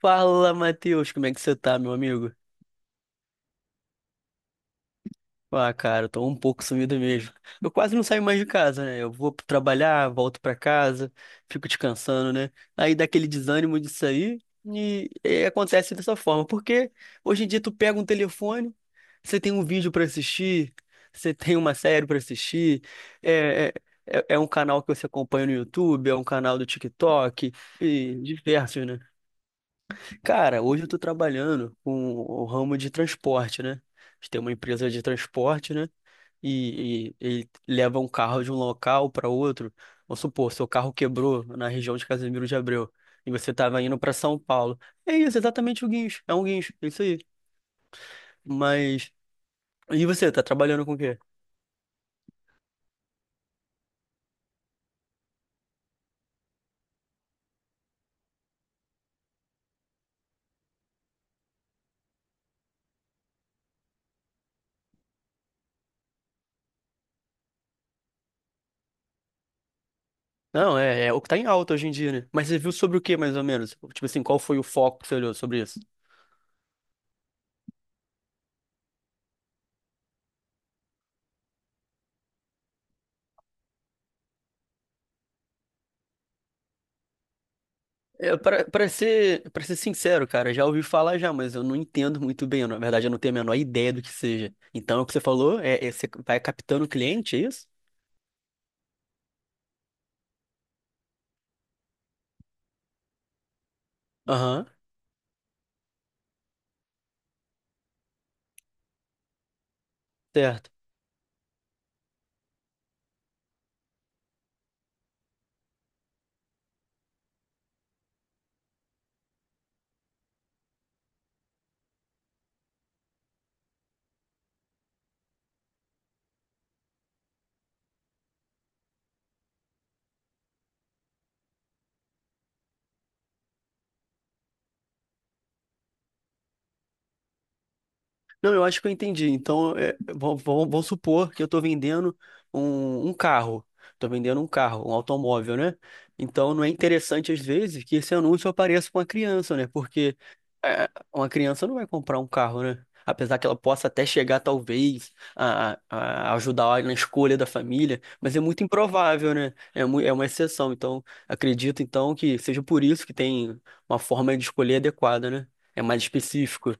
Fala, Matheus, como é que você tá, meu amigo? Ah, cara, eu tô um pouco sumido mesmo. Eu quase não saio mais de casa, né? Eu vou trabalhar, volto pra casa, fico descansando, né? Aí dá aquele desânimo disso aí e acontece dessa forma. Porque hoje em dia tu pega um telefone, você tem um vídeo pra assistir, você tem uma série pra assistir, é, é, é um canal que você acompanha no YouTube, é um canal do TikTok e diversos, né? Cara, hoje eu tô trabalhando com o ramo de transporte, né? A gente tem uma empresa de transporte, né? E ele leva um carro de um local para outro. Vamos supor, seu carro quebrou na região de Casimiro de Abreu e você estava indo para São Paulo. É isso, exatamente o guincho. É um guincho, é isso aí. Mas. E você, tá trabalhando com o quê? Não, é, é o que tá em alta hoje em dia, né? Mas você viu sobre o quê, mais ou menos? Tipo assim, qual foi o foco que você olhou sobre isso? É, para ser, para ser sincero, cara, já ouvi falar já, mas eu não entendo muito bem. Na verdade, eu não tenho a menor ideia do que seja. Então, o que você falou é, é você vai captando o cliente, é isso? Aham, certo. Não, eu acho que eu entendi. Então, é, vamos supor que eu estou vendendo um, um carro. Estou vendendo um carro, um automóvel, né? Então, não é interessante, às vezes, que esse anúncio apareça com uma criança, né? Porque é, uma criança não vai comprar um carro, né? Apesar que ela possa até chegar, talvez, a, a ajudar na escolha da família, mas é muito improvável, né? É, é uma exceção. Então, acredito, então, que seja por isso que tem uma forma de escolher adequada, né? É mais específico.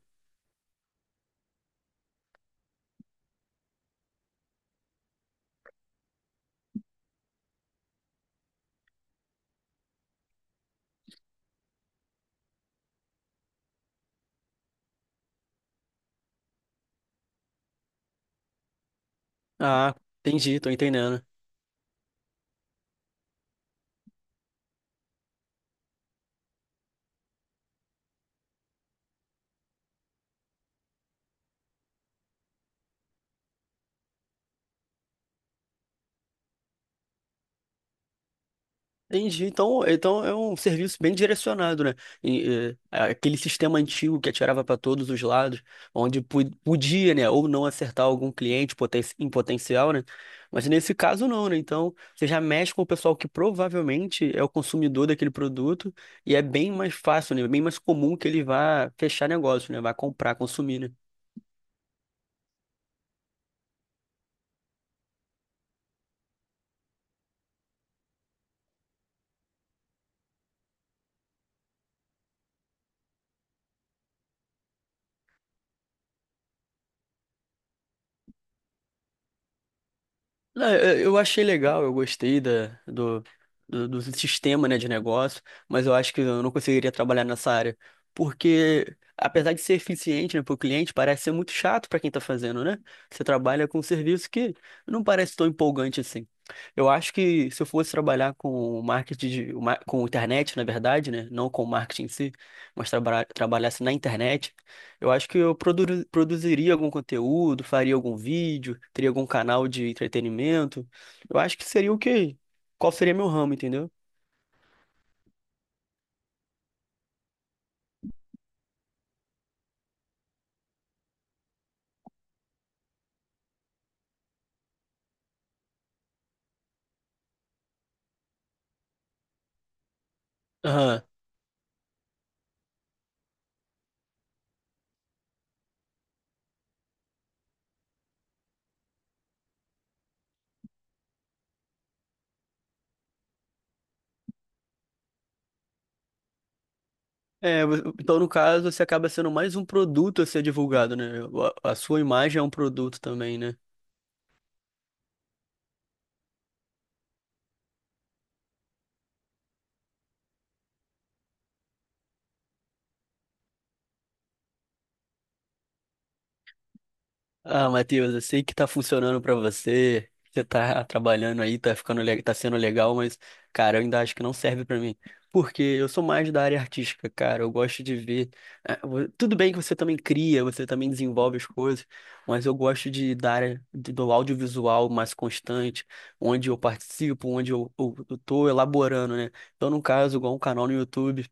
Ah, entendi, tô entendendo. Entendi. Então, então é um serviço bem direcionado, né? E, é, aquele sistema antigo que atirava para todos os lados, onde podia, né, ou não acertar algum cliente em potencial, né? Mas nesse caso não, né? Então, você já mexe com o pessoal que provavelmente é o consumidor daquele produto e é bem mais fácil, né? Bem mais comum que ele vá fechar negócio, né? Vá comprar, consumir, né? Não, eu achei legal, eu gostei da, do, do sistema, né, de negócio, mas eu acho que eu não conseguiria trabalhar nessa área, porque apesar de ser eficiente, né, para o cliente, parece ser muito chato para quem está fazendo, né? Você trabalha com um serviço que não parece tão empolgante assim. Eu acho que se eu fosse trabalhar com marketing, de, com internet, na verdade, né, não com marketing em si, mas trabalhasse na internet, eu acho que eu produziria algum conteúdo, faria algum vídeo, teria algum canal de entretenimento. Eu acho que seria o quê? Qual seria meu ramo, entendeu? Aham. É, então no caso você acaba sendo mais um produto a ser divulgado, né? A sua imagem é um produto também, né? Ah, Matheus, eu sei que tá funcionando pra você, que você tá trabalhando aí, tá ficando, tá sendo legal, mas, cara, eu ainda acho que não serve pra mim. Porque eu sou mais da área artística, cara. Eu gosto de ver. Tudo bem que você também cria, você também desenvolve as coisas, mas eu gosto de da área do audiovisual mais constante, onde eu participo, onde eu tô elaborando, né? Então, no caso, igual um canal no YouTube.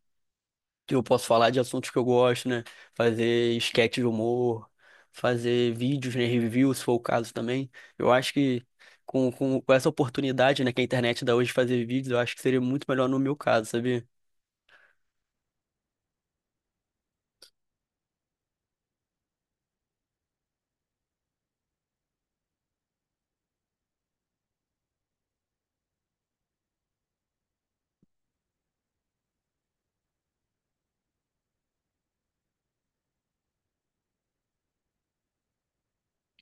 Eu posso falar de assuntos que eu gosto, né? Fazer esquete de humor, fazer vídeos, né? Reviews, se for o caso também. Eu acho que com essa oportunidade, né, que a internet dá hoje de fazer vídeos, eu acho que seria muito melhor no meu caso, sabia?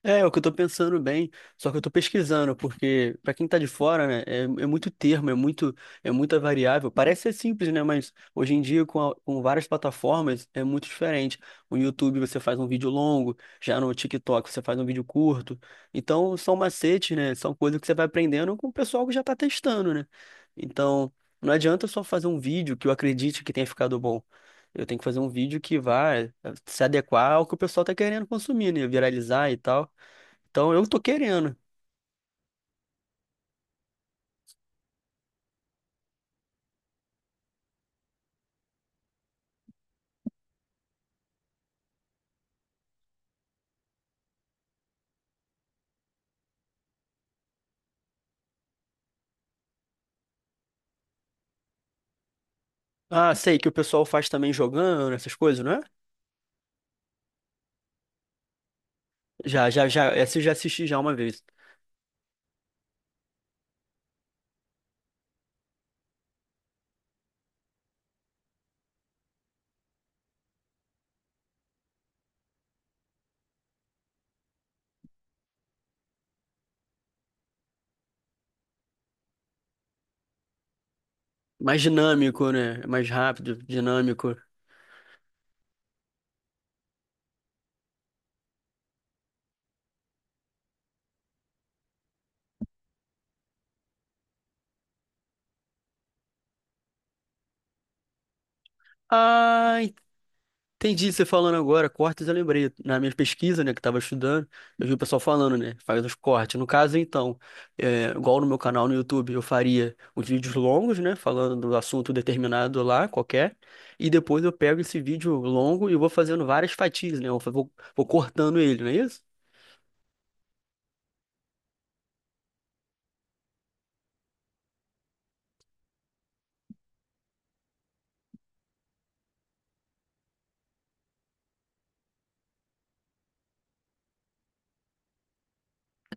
É, é o que eu tô pensando bem, só que eu tô pesquisando, porque pra quem tá de fora, né, é, é muito termo, é muito, é muita variável. Parece ser simples, né, mas hoje em dia com, com várias plataformas é muito diferente. No YouTube você faz um vídeo longo, já no TikTok você faz um vídeo curto. Então são macetes, né, são coisas que você vai aprendendo com o pessoal que já tá testando, né? Então não adianta só fazer um vídeo que eu acredite que tenha ficado bom. Eu tenho que fazer um vídeo que vá se adequar ao que o pessoal tá querendo consumir, né? Viralizar e tal. Então eu tô querendo. Ah, sei que o pessoal faz também jogando, essas coisas, não é? Já, já, já. Essa eu já assisti já uma vez. Mais dinâmico, né? Mais rápido, dinâmico. Ah, entendi você tá falando agora. Cortes eu lembrei. Na minha pesquisa, né, que tava estudando, eu vi o pessoal falando, né? Faz os cortes. No caso, então, é, igual no meu canal no YouTube, eu faria os vídeos longos, né? Falando do assunto determinado lá, qualquer. E depois eu pego esse vídeo longo e vou fazendo várias fatias, né? Eu vou, vou cortando ele, não é isso?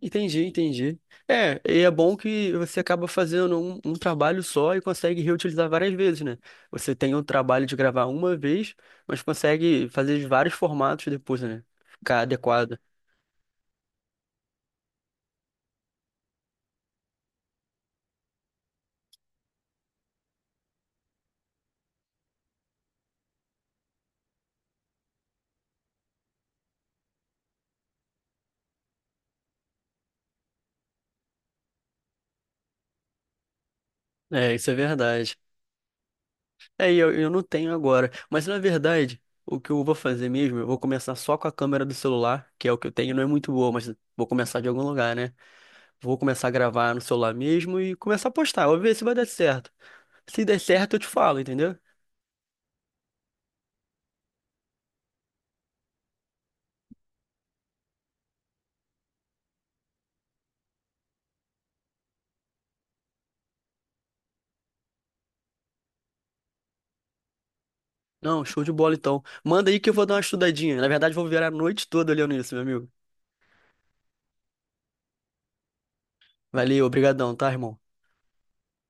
Entendi, entendi. É, e é bom que você acaba fazendo um, um trabalho só e consegue reutilizar várias vezes, né? Você tem o trabalho de gravar uma vez, mas consegue fazer de vários formatos depois, né? Ficar adequado. É, isso é verdade. É, e eu não tenho agora. Mas na verdade, o que eu vou fazer mesmo, eu vou começar só com a câmera do celular, que é o que eu tenho, não é muito boa, mas vou começar de algum lugar, né? Vou começar a gravar no celular mesmo e começar a postar. Vou ver se vai dar certo. Se der certo, eu te falo, entendeu? Não, show de bola então. Manda aí que eu vou dar uma estudadinha. Na verdade, vou virar a noite toda olhando isso, meu amigo. Valeu, obrigadão, tá, irmão?